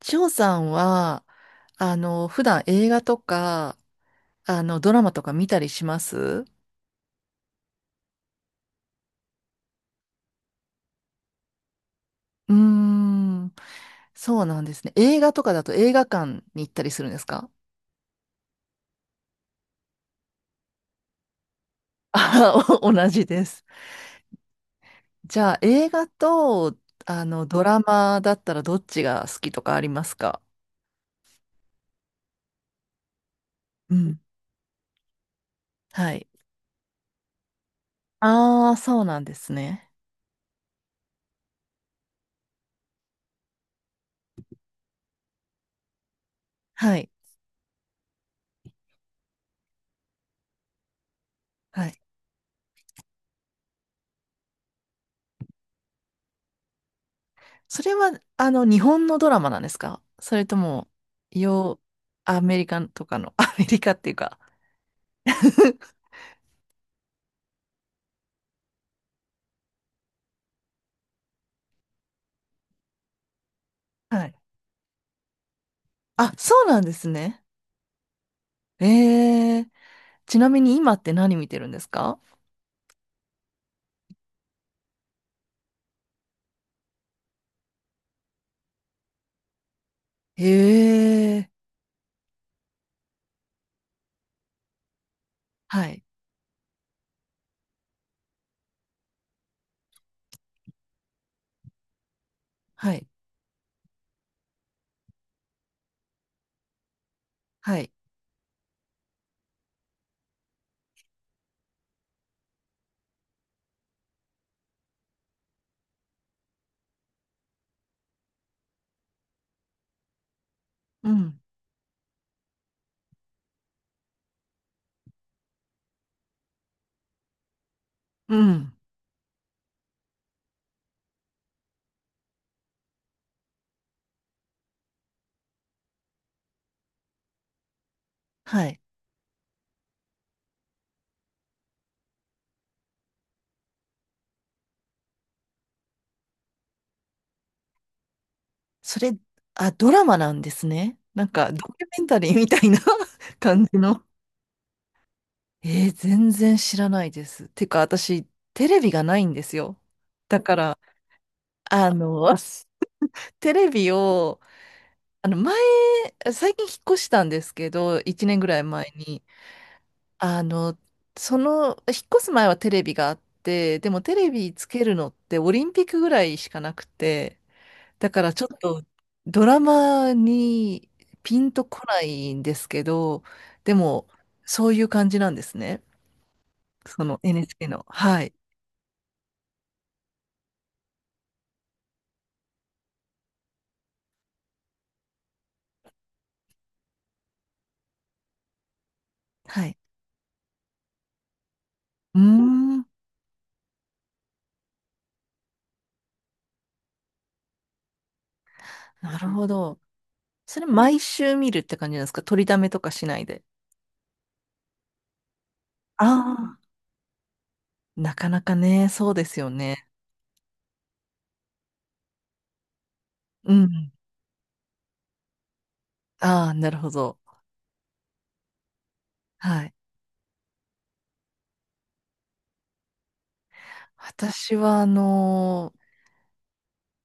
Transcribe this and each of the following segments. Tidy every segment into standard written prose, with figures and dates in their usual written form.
ジョさんは、普段映画とか、ドラマとか見たりします？うーん、そうなんですね。映画とかだと映画館に行ったりするんですか？あ、お同じです。じゃあ、映画と、ドラマだったらどっちが好きとかありますか？うん。はい。ああ、そうなんですね。はい。はい。それは、日本のドラマなんですか、それとも、よアメリカとかの、アメリカっていうか、はい。あ、そうなんですね。えー、ちなみに今って何見てるんですか？ええ、はい、はい、はい、うん、うん、はい。それ、あ、ドラマなんですね。なんか、ドキュメンタリーみたいな 感じの。全然知らないです。てか、私、テレビがないんですよ。だから、あの、テレビを、前、最近引っ越したんですけど、1年ぐらい前に。あの、引っ越す前はテレビがあって、でもテレビつけるのってオリンピックぐらいしかなくて、だからちょっとドラマにピンとこないんですけど、でもそういう感じなんですね。その NHK の。はい。はい。うーん。なるほど。それ毎週見るって感じなんですか？取りだめとかしないで。ああ。なかなかね、そうですよね。うん。ああ、なるほど。はい。私は、あの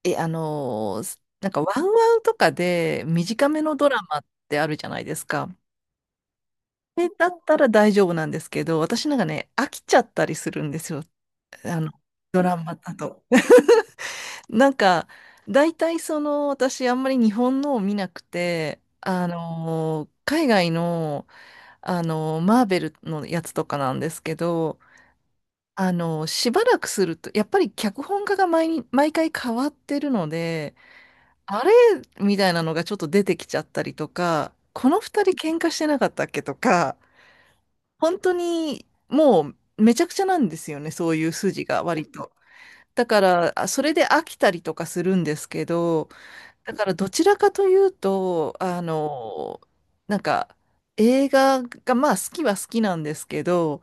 ー、え、あのー、なんかワンワンとかで短めのドラマってあるじゃないですか。だったら大丈夫なんですけど、私なんかね、飽きちゃったりするんですよ。あの、ドラマだと。なんか、大体私あんまり日本のを見なくて、あの海外の、あのマーベルのやつとかなんですけど、しばらくすると、やっぱり脚本家が毎回変わってるので、あれみたいなのがちょっと出てきちゃったりとか、この二人喧嘩してなかったっけとか、本当にもうめちゃくちゃなんですよね、そういう筋が割と。だから、それで飽きたりとかするんですけど、だからどちらかというと、なんか映画が、まあ好きは好きなんですけど、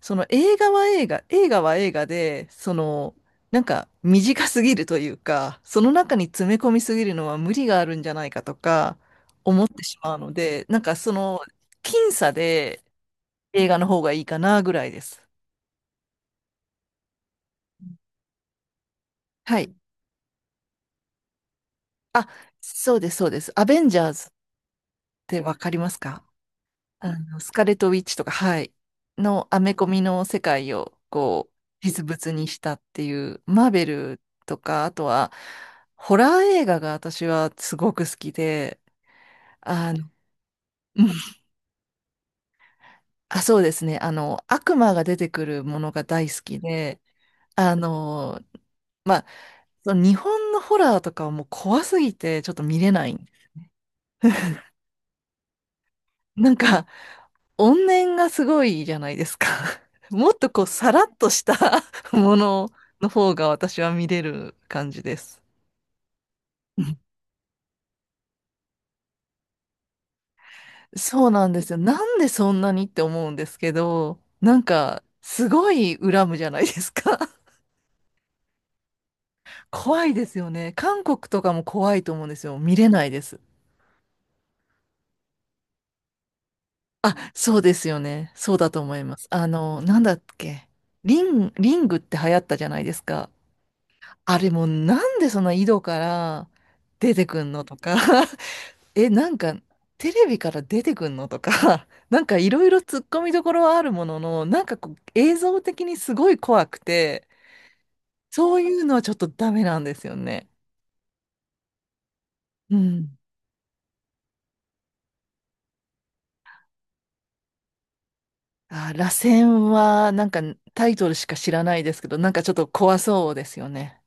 その映画は映画、映画は映画で、なんか短すぎるというか、その中に詰め込みすぎるのは無理があるんじゃないかとか思ってしまうので、なんか僅差で映画の方がいいかなぐらいです。はい。あ、そうです、そうです。アベンジャーズってわかりますか？あの、スカーレット・ウィッチとか、はい、のアメコミの世界を、こう、実物にしたっていう、マーベルとか、あとは、ホラー映画が私はすごく好きで、あの、うん、あ、そうですね、悪魔が出てくるものが大好きで、あの、まあ、その日本のホラーとかはもう怖すぎて、ちょっと見れない。なんか、怨念がすごいじゃないですか。もっとこう、さらっとした ものの方が私は見れる感じです。うん、そうなんですよ。なんでそんなにって思うんですけど、なんか、すごい恨むじゃないですか。怖いですよね。韓国とかも怖いと思うんですよ。見れないです。あ、そうですよね。そうだと思います。なんだっけ。リングって流行ったじゃないですか。あれもうなんでそんな井戸から出てくんのとか。なんか、テレビから出てくんのとか、なんかいろいろ突っ込みどころはあるものの、なんかこう、映像的にすごい怖くて、そういうのはちょっとダメなんですよね。うん。あ、螺旋は、なんかタイトルしか知らないですけど、なんかちょっと怖そうですよね。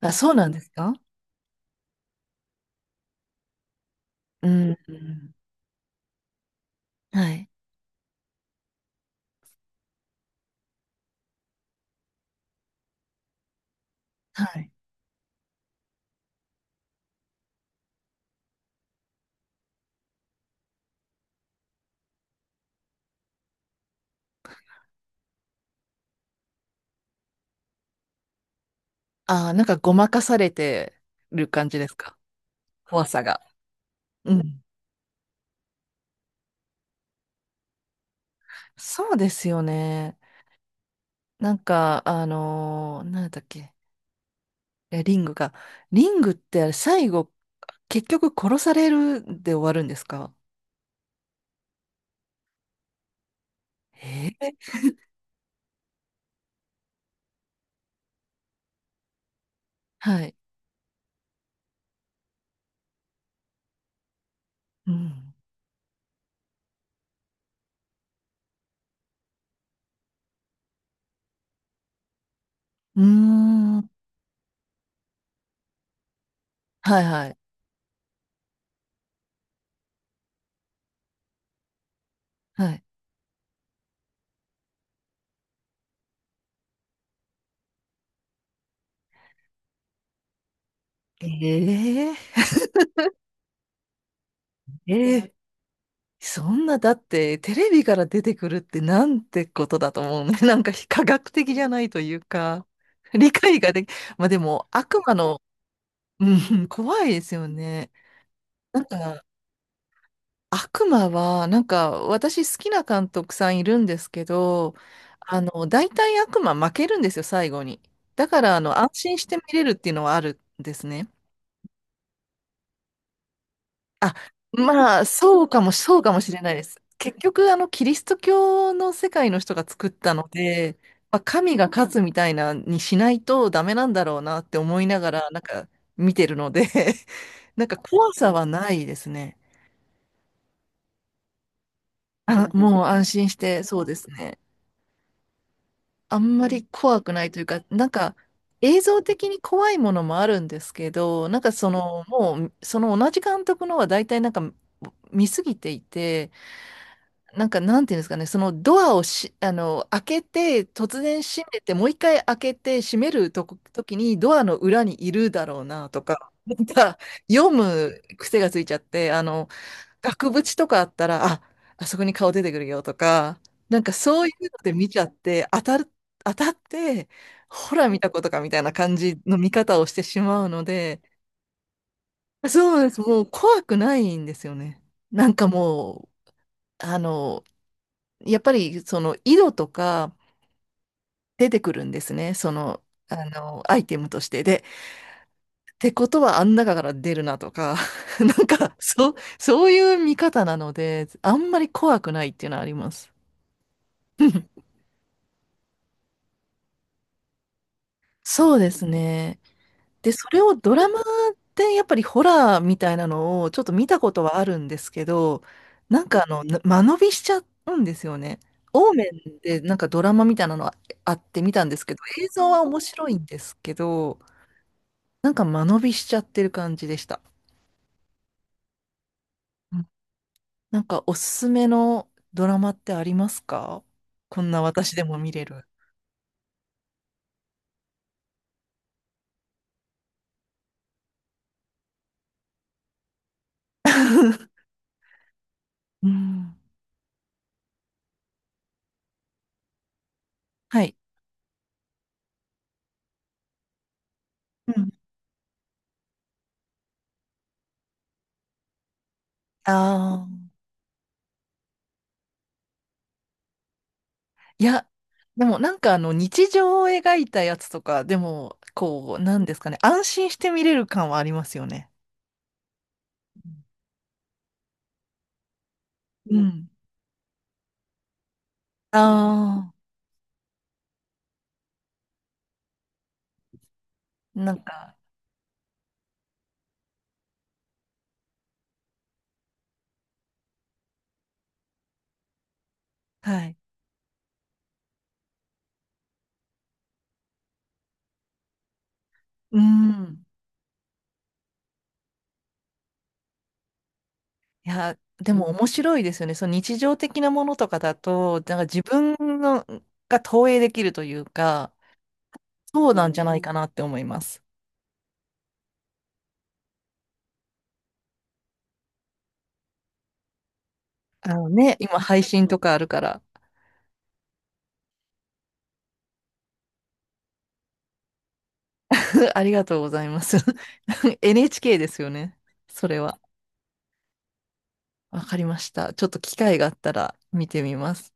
あ、そうなんですか？うん。うん、はい。はい。あ、なんかごまかされてる感じですか？怖さが。うん。そうですよね。なんか、なんだっけ。いや、リングが。リングってあれ最後、結局殺されるで終わるんですか？えー、はい。うん。うーん。はいはい。はい。えー、えー、そんな、だって、テレビから出てくるってなんてことだと思うね。なんか非科学的じゃないというか、理解ができ、まあでも、悪魔の、うん、怖いですよね。なんか、悪魔は、なんか、私好きな監督さんいるんですけど、大体悪魔負けるんですよ、最後に。だから、安心して見れるっていうのはあるんですね。あ、まあ、そうかもしれないです。結局、キリスト教の世界の人が作ったので、まあ、神が勝つみたいなにしないとダメなんだろうなって思いながら、なんか、見てるので なんか怖さはないですね。あ、もう安心して、そうですね。あんまり怖くないというか、なんか映像的に怖いものもあるんですけど、なんかそのもう、その同じ監督のは大体なんか見すぎていて、なんかなんていうんですかね、そのドアをし、あの、開けて、突然閉めて、もう一回開けて閉めるとこ、時にドアの裏にいるだろうなとか、なんか読む癖がついちゃって、額縁とかあったら、あ、あそこに顔出てくるよとか、なんかそういうので見ちゃって、当たって、ほら見たことかみたいな感じの見方をしてしまうので、そうです。もう怖くないんですよね。なんかもう、やっぱりその色とか出てくるんですね。アイテムとして。で、ってことはあん中から出るなとか、なんか、そう、そういう見方なので、あんまり怖くないっていうのはあります。そうですね。で、それをドラマでやっぱりホラーみたいなのをちょっと見たことはあるんですけど、なんか間延びしちゃうんですよね。オーメンでなんかドラマみたいなのああって見たんですけど、映像は面白いんですけど、なんか間延びしちゃってる感じでした。うん。なんかおすすめのドラマってありますか？こんな私でも見れる。うん。はい。うん。ああ。いや、でもなんかあの日常を描いたやつとか、でもこう、なんですかね、安心して見れる感はありますよね。うんん。ああー、なんか、はい。うん。いや、でも面白いですよね。その日常的なものとかだと、なんか自分のが投影できるというか、そうなんじゃないかなって思います。あのね、今配信とかあるから、ありがとうございます。NHK ですよね。それは。わかりました。ちょっと機会があったら見てみます。